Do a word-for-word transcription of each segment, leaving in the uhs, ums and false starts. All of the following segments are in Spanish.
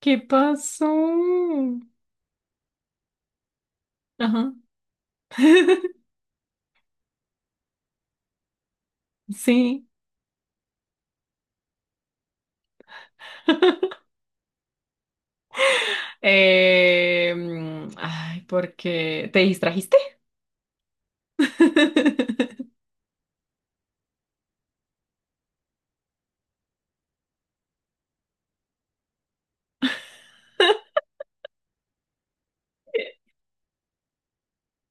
¿Qué pasó? Ajá. Sí. Eh, mm, ay, porque te distrajiste.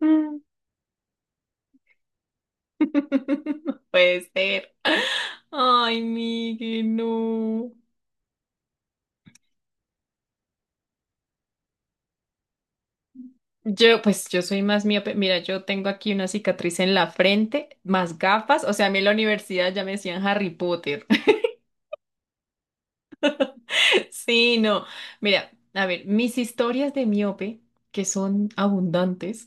Mm. No puede ser. Ay, Miguel, no. Yo, pues yo soy más miope. Mira, yo tengo aquí una cicatriz en la frente, más gafas. O sea, a mí en la universidad ya me decían Harry Potter. Sí, no. Mira, a ver, mis historias de miope, que son abundantes.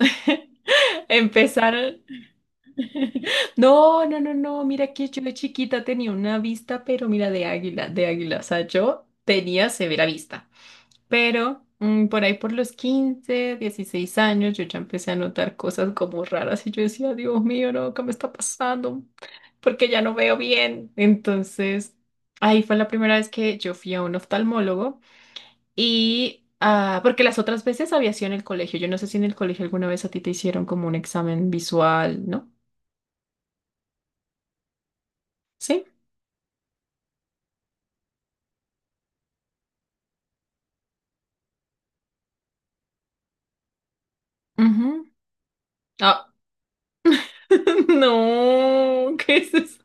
Empezar No, no, no, no. Mira que yo de chiquita tenía una vista, pero mira, de águila, de águila. O sea, yo tenía severa vista. Pero mm, por ahí por los quince dieciséis años, yo ya empecé a notar cosas como raras y yo decía, Dios mío, no, ¿qué me está pasando? Porque ya no veo bien. Entonces, ahí fue la primera vez que yo fui a un oftalmólogo y ah, porque las otras veces había sido en el colegio. Yo no sé si en el colegio alguna vez a ti te hicieron como un examen visual, ¿no? Sí. Ujú. Ah, no, ¿qué es eso?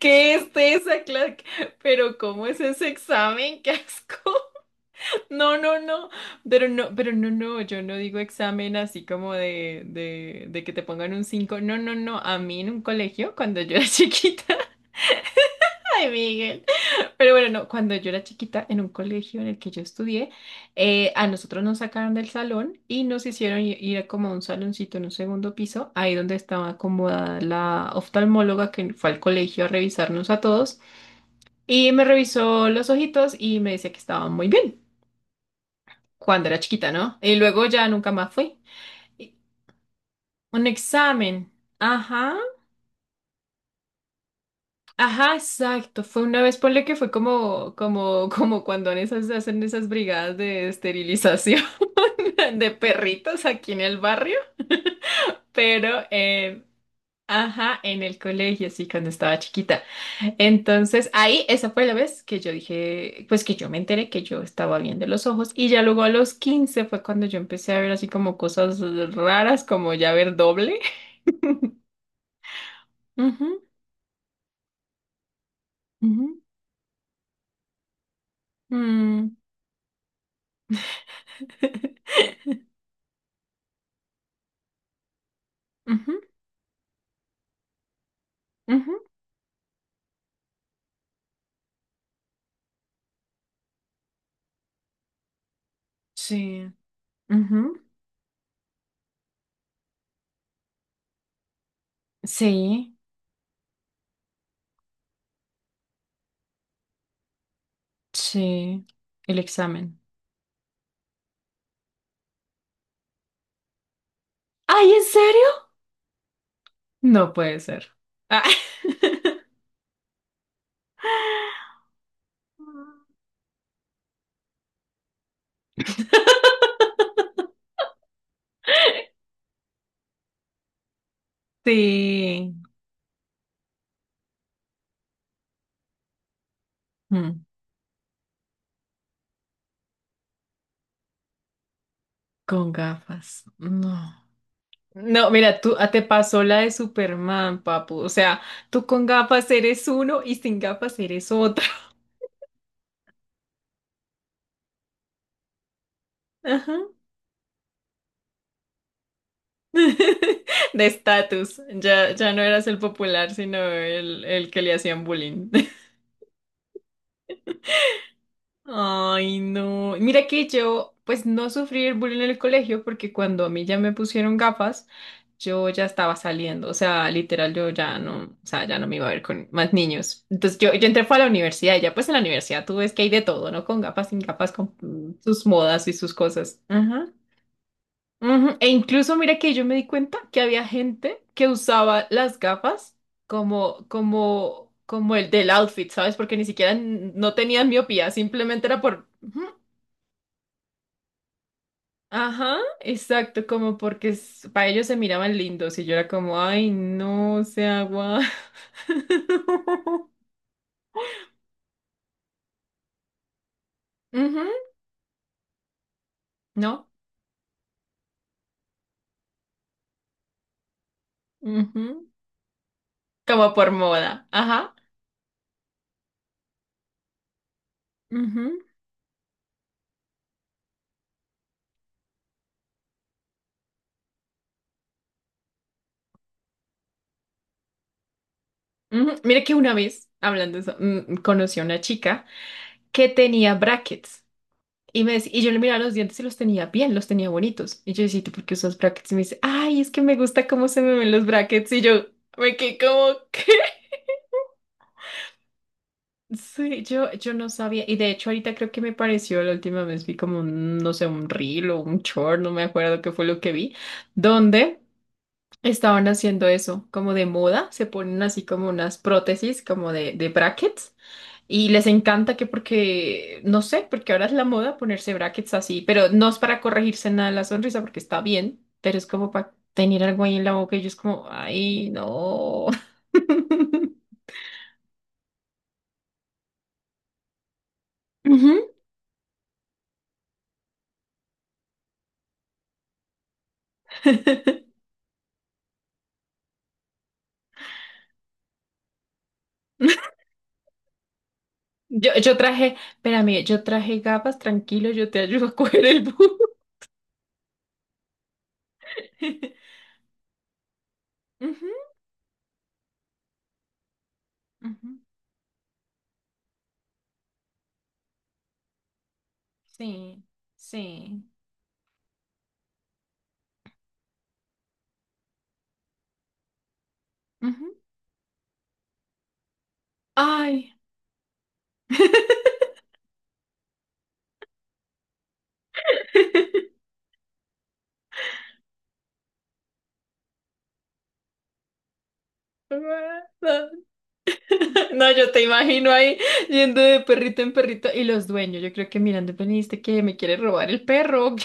¿Qué es esa clase? Pero ¿cómo es ese examen? ¡Qué asco! No, no, no. Pero no, pero no, no, yo no digo examen así como de, de, de que te pongan un cinco. No, no, no. A mí en un colegio, cuando yo era chiquita, ay, Miguel. Pero bueno, no, cuando yo era chiquita, en un colegio en el que yo estudié, eh, a nosotros nos sacaron del salón y nos hicieron i- ir como a un saloncito en un segundo piso, ahí donde estaba acomodada la oftalmóloga que fue al colegio a revisarnos a todos y me revisó los ojitos y me decía que estaban muy bien cuando era chiquita, ¿no? Y luego ya nunca más fui. Y- Un examen. Ajá. Ajá, exacto. Fue una vez, ponle que fue como, como, como cuando en esas, hacen esas brigadas de esterilización. De perritos aquí en el barrio, pero eh, ajá, en el colegio, sí, cuando estaba chiquita. Entonces, ahí, esa fue la vez que yo dije, pues que yo me enteré que yo estaba viendo los ojos y ya luego a los quince fue cuando yo empecé a ver así como cosas raras, como ya ver doble. Ujú, ujú, mm, ujú, ujú, sí, ujú, sí, sí, el examen. ¿Ay, en serio? No puede ser. Ah. Sí, mm, con gafas. No. No, mira, tú ah, te pasó la de Superman, papu. O sea, tú con gafas eres uno y sin gafas eres otro. Ajá. De estatus. Ya, ya no eras el popular, sino el, el que le hacían bullying. Ay, no. Mira que yo, pues no sufrí el bullying en el colegio porque cuando a mí ya me pusieron gafas, yo ya estaba saliendo. O sea, literal, yo ya no, o sea, ya no me iba a ver con más niños. Entonces yo, yo entré fue a la universidad y ya pues en la universidad tú ves que hay de todo, ¿no? Con gafas, sin gafas, con mm, sus modas y sus cosas. Ajá. Ujú, e incluso mira que yo me di cuenta que había gente que usaba las gafas como, como, como el del outfit, ¿sabes? Porque ni siquiera n- no tenían miopía, simplemente era por. Ujú. Ajá, exacto, como porque s- para ellos se miraban lindos y yo era como, ay, no, se agua. Ujú, ¿no? Ujú, como por moda, ajá. Ujú, ujú. Mira que una vez, hablando de eso, mm, conocí a una chica que tenía brackets. Y, me, dec- y yo le miraba los dientes y los tenía bien, los tenía bonitos. Y yo decía, ¿tú por qué usas brackets? Y me dice, ay, es que me gusta cómo se me ven los brackets. Y yo me quedé como, ¿qué? Sí, yo, yo no sabía. Y de hecho, ahorita creo que me pareció la última vez, vi como, un, no sé, un reel o un short, no me acuerdo qué fue lo que vi, donde estaban haciendo eso, como de moda, se ponen así como unas prótesis, como de, de brackets. Y les encanta que porque, no sé, porque ahora es la moda ponerse brackets así, pero no es para corregirse nada la sonrisa porque está bien, pero es como para tener algo ahí en la boca y yo es como, ay, no. Ujú. Yo, yo traje, espérame, yo traje gafas, tranquilo, yo te ayudo a coger el bus. Ujú, ujú, sí, sí. Ujú. Ay. No, yo te imagino ahí yendo de perrito en perrito y los dueños, yo creo que mirando, veniste que me quiere robar el perro. ¿O qué?".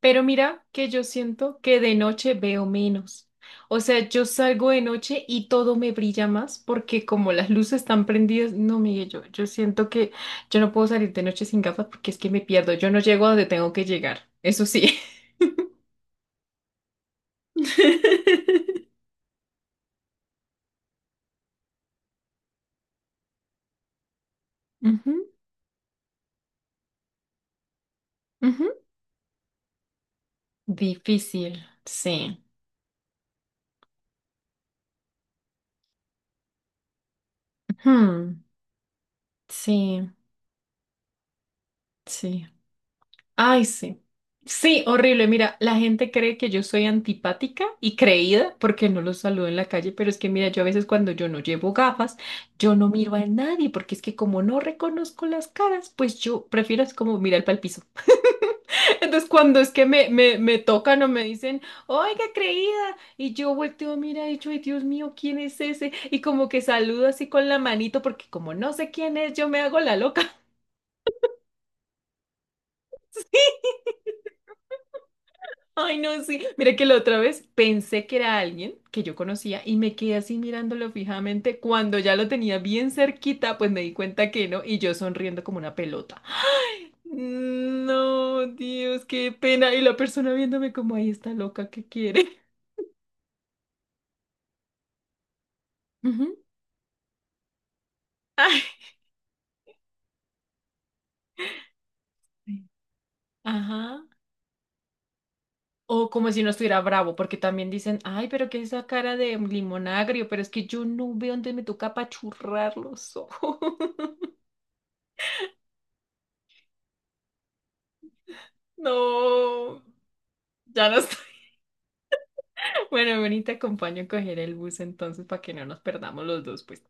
Pero mira que yo siento que de noche veo menos. O sea, yo salgo de noche y todo me brilla más porque como las luces están prendidas, no, Miguel, yo, yo siento que yo no puedo salir de noche sin gafas porque es que me pierdo, yo no llego a donde tengo que llegar, eso sí. Ujú, ujú. Difícil, sí. Ujú. Sí, sí. Ay, sí. Sí, horrible. Mira, la gente cree que yo soy antipática y creída porque no los saludo en la calle, pero es que mira, yo a veces cuando yo no llevo gafas, yo no miro a nadie porque es que como no reconozco las caras, pues yo prefiero es como mirar para el piso. Entonces, cuando es que me, me, me tocan o me dicen, oiga, creída, y yo volteo, mira, y yo, ay, Dios mío, ¿quién es ese? Y como que saludo así con la manito, porque como no sé quién es, yo me hago la loca. Ay, no, sí. Mira que la otra vez pensé que era alguien que yo conocía y me quedé así mirándolo fijamente. Cuando ya lo tenía bien cerquita, pues me di cuenta que no y yo sonriendo como una pelota. No, Dios, qué pena. Y la persona viéndome como ahí está loca, ¿qué quiere? Ujú. Ay, sí. Ajá. O como si no estuviera bravo, porque también dicen, ay, pero qué es esa cara de limón agrio, pero es que yo no veo, entonces me toca apachurrar los ojos. No, ya no está. Bueno, ven y te acompaño a coger el bus entonces para que no nos perdamos los dos, pues.